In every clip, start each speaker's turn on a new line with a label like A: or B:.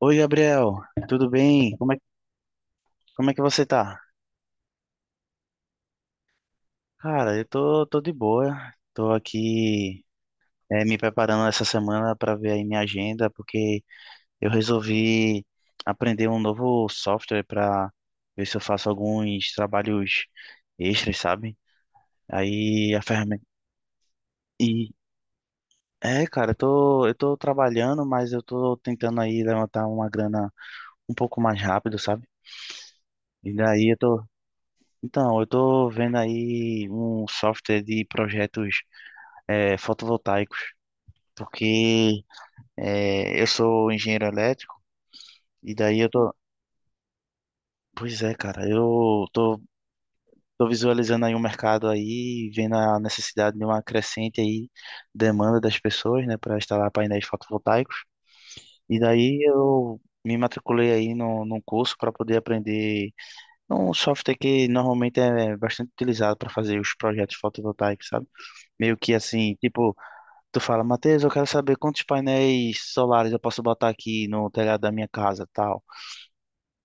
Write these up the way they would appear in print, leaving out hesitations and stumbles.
A: Oi, Gabriel, tudo bem? Como é que você tá? Cara, eu tô de boa, tô aqui me preparando essa semana para ver aí minha agenda, porque eu resolvi aprender um novo software para ver se eu faço alguns trabalhos extras, sabe? Aí a ferramenta. E É, cara, eu tô trabalhando, mas eu tô tentando aí levantar uma grana um pouco mais rápido, sabe? E daí eu tô. Então, eu tô vendo aí um software de projetos fotovoltaicos, porque eu sou engenheiro elétrico e daí eu tô, pois é, cara, eu tô visualizando aí um mercado aí, vendo a necessidade de uma crescente aí demanda das pessoas, né, para instalar painéis fotovoltaicos. E daí eu me matriculei aí no, num curso para poder aprender um software que normalmente é bastante utilizado para fazer os projetos fotovoltaicos, sabe? Meio que assim, tipo, tu fala, Matheus, eu quero saber quantos painéis solares eu posso botar aqui no telhado da minha casa, tal.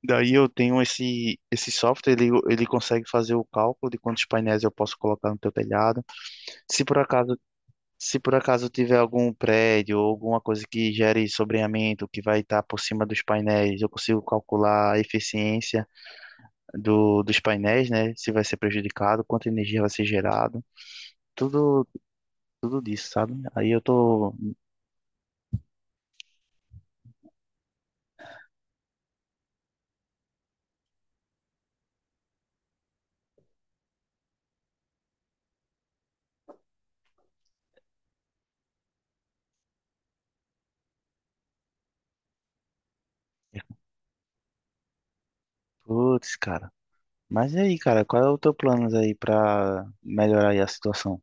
A: Daí eu tenho esse software, ele consegue fazer o cálculo de quantos painéis eu posso colocar no teu telhado. Se por acaso, se por acaso tiver algum prédio ou alguma coisa que gere sombreamento que vai estar por cima dos painéis, eu consigo calcular a eficiência dos painéis, né? Se vai ser prejudicado, quanta energia vai ser gerado. Tudo, tudo disso, sabe? Aí eu tô, putz, cara. Mas e aí, cara, qual é o teu plano aí pra melhorar aí a situação?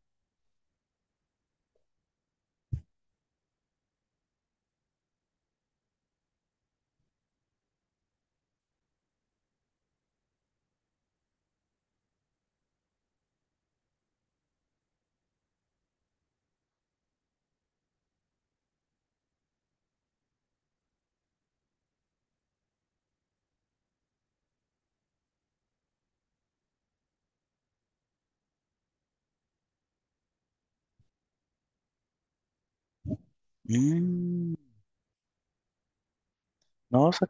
A: Hum, nossa,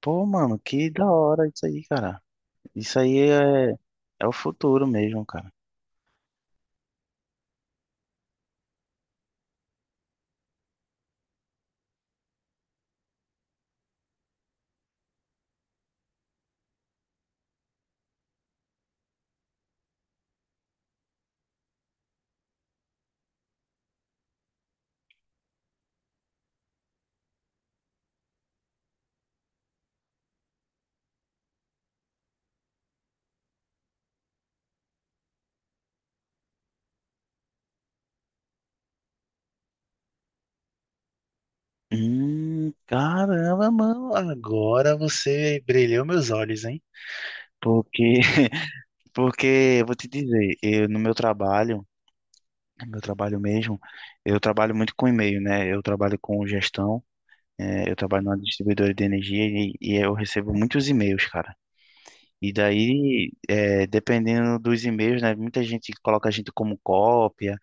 A: pô, mano, que da hora isso aí, cara. Isso aí é, é o futuro mesmo, cara. Caramba, mano, agora você brilhou meus olhos, hein? Porque, porque eu vou te dizer, eu, no meu trabalho mesmo, eu trabalho muito com e-mail, né? Eu trabalho com gestão, eu trabalho numa distribuidora de energia e eu recebo muitos e-mails, cara. E daí, é, dependendo dos e-mails, né? Muita gente coloca a gente como cópia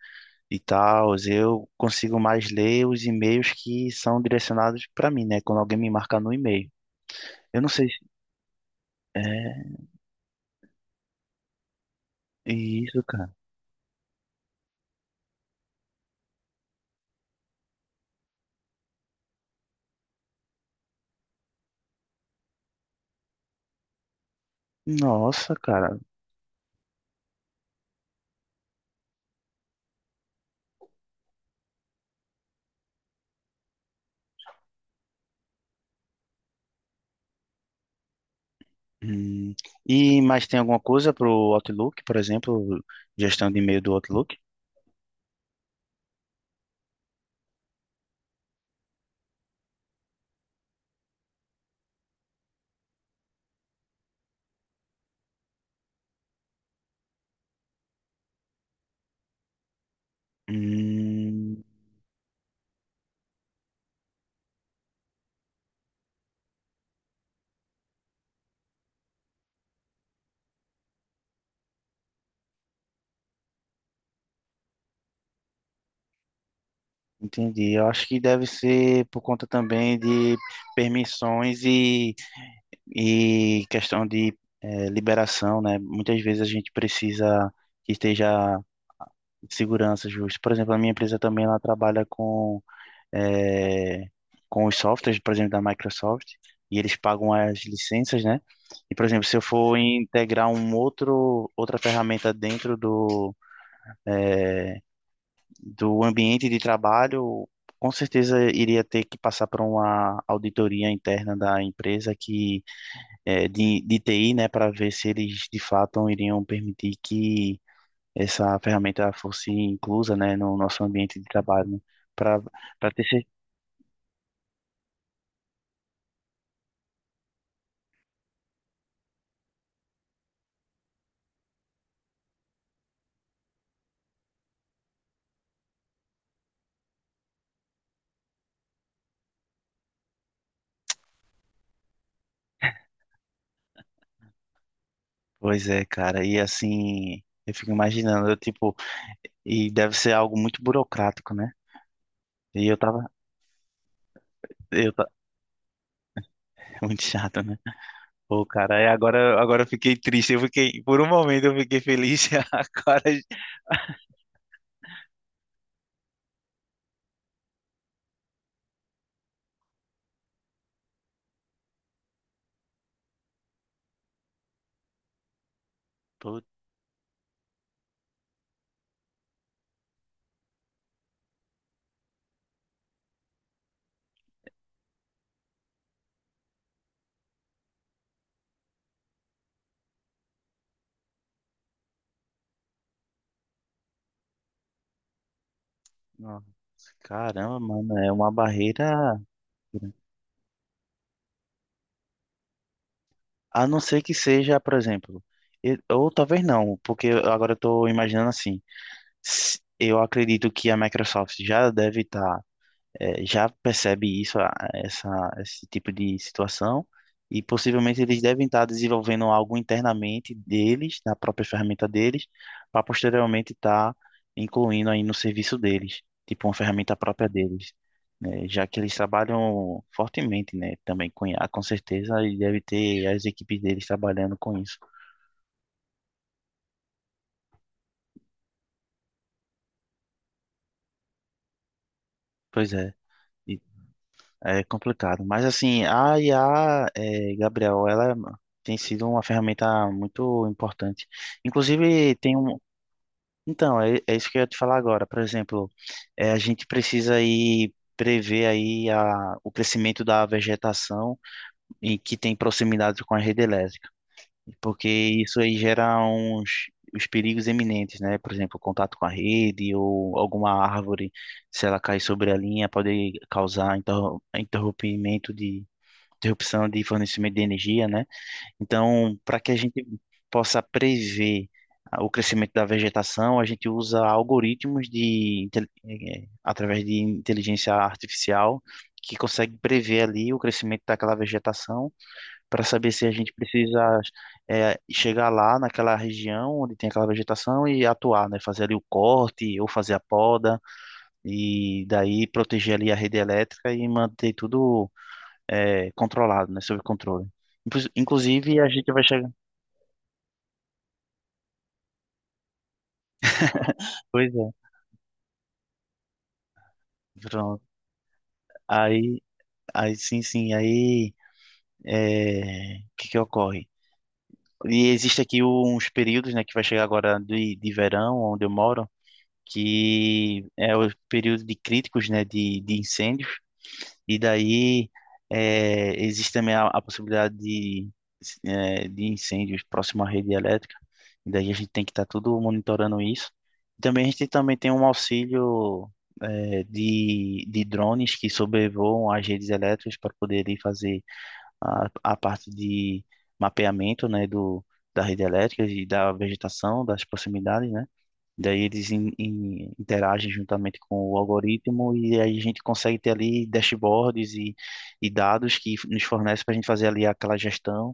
A: e tal. Eu consigo mais ler os e-mails que são direcionados para mim, né? Quando alguém me marca no e-mail. Eu não sei se... É, isso, cara. Nossa, cara. Hum. E mais tem alguma coisa pro Outlook, por exemplo, gestão de e-mail do Outlook? Hum, entendi. Eu acho que deve ser por conta também de permissões e questão de liberação, né? Muitas vezes a gente precisa que esteja segurança justa. Por exemplo, a minha empresa também ela trabalha com, eh, com os softwares, por exemplo, da Microsoft, e eles pagam as licenças, né? E, por exemplo, se eu for integrar outra ferramenta dentro do, eh, do ambiente de trabalho, com certeza iria ter que passar por uma auditoria interna da empresa que é, de TI, né, para ver se eles de fato iriam permitir que essa ferramenta fosse inclusa, né, no nosso ambiente de trabalho, né, para para ter certeza. Pois é, cara, e assim, eu fico imaginando, eu, tipo, e deve ser algo muito burocrático, né? E eu tava, eu ta- muito chato, né? Pô, cara, agora eu fiquei triste, eu fiquei, por um momento eu fiquei feliz, e agora, pô, nossa, caramba, mano, é uma barreira. A não ser que seja, por exemplo, ou talvez não, porque agora eu estou imaginando assim. Eu acredito que a Microsoft já deve estar já percebe isso, essa, esse tipo de situação, e possivelmente eles devem estar desenvolvendo algo internamente deles, na própria ferramenta deles, para posteriormente estar incluindo aí no serviço deles, tipo uma ferramenta própria deles, né? Já que eles trabalham fortemente, né? Também com I a com certeza, e deve ter as equipes deles trabalhando com isso. Pois é. E É complicado. Mas assim, a IA, é, Gabriel, ela tem sido uma ferramenta muito importante. Inclusive, tem um. Então, é, é isso que eu ia te falar agora. Por exemplo, é, a gente precisa aí prever aí o crescimento da vegetação e que tem proximidade com a rede elétrica, porque isso aí gera uns os perigos iminentes, né? Por exemplo, contato com a rede ou alguma árvore, se ela cair sobre a linha, pode causar interro- interrompimento de interrupção de fornecimento de energia, né? Então, para que a gente possa prever o crescimento da vegetação, a gente usa algoritmos de, intel- eh, eh, através de inteligência artificial que consegue prever ali o crescimento daquela vegetação para saber se a gente precisa chegar lá naquela região onde tem aquela vegetação e atuar, né? Fazer ali o corte ou fazer a poda e daí proteger ali a rede elétrica e manter tudo é, controlado, né? Sob controle. Inclusive, a gente vai chegar. Pois é, pronto. Aí, aí sim, sim. Aí, é, o que que ocorre? E existe aqui uns períodos, né, que vai chegar agora de verão, onde eu moro, que é o período de críticos, né, de incêndio. E daí existe também a possibilidade de, de incêndios próximo à rede elétrica. E daí a gente tem que estar tudo monitorando isso. Também a gente também tem um auxílio de drones que sobrevoam as redes elétricas para poder ir fazer a parte de mapeamento, né, do, da rede elétrica e da vegetação, das proximidades, né? Daí eles interagem juntamente com o algoritmo e aí a gente consegue ter ali dashboards e dados que nos fornecem para a gente fazer ali aquela gestão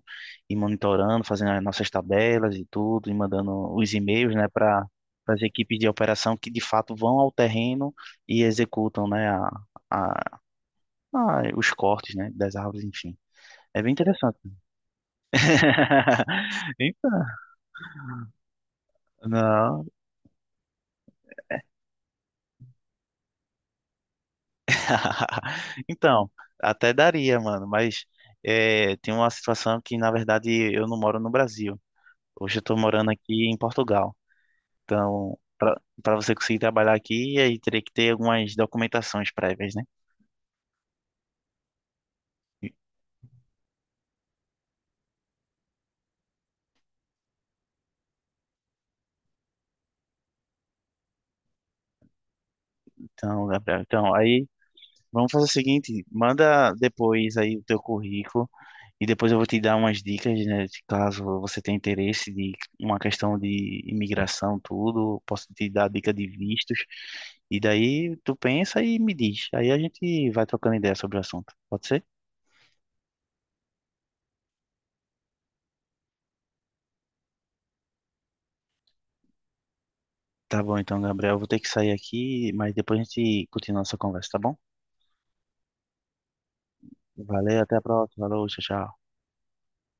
A: e monitorando, fazendo as nossas tabelas e tudo, e mandando os e-mails, né, para as equipes de operação que de fato vão ao terreno e executam, né, a, os cortes, né, das árvores, enfim. É bem interessante. Então, não. Então, até daria, mano, mas é, tem uma situação que, na verdade, eu não moro no Brasil. Hoje eu tô morando aqui em Portugal. Então, para você conseguir trabalhar aqui, aí teria que ter algumas documentações prévias, né? Então, Gabriel, então, aí vamos fazer o seguinte, manda depois aí o teu currículo. E depois eu vou te dar umas dicas, né, de caso você tenha interesse de uma questão de imigração, tudo, posso te dar dica de vistos. E daí tu pensa e me diz. Aí a gente vai trocando ideia sobre o assunto. Pode ser? Tá bom, então, Gabriel, eu vou ter que sair aqui, mas depois a gente continua nossa conversa, tá bom? Valeu, até a próxima. Falou, tchau, tchau.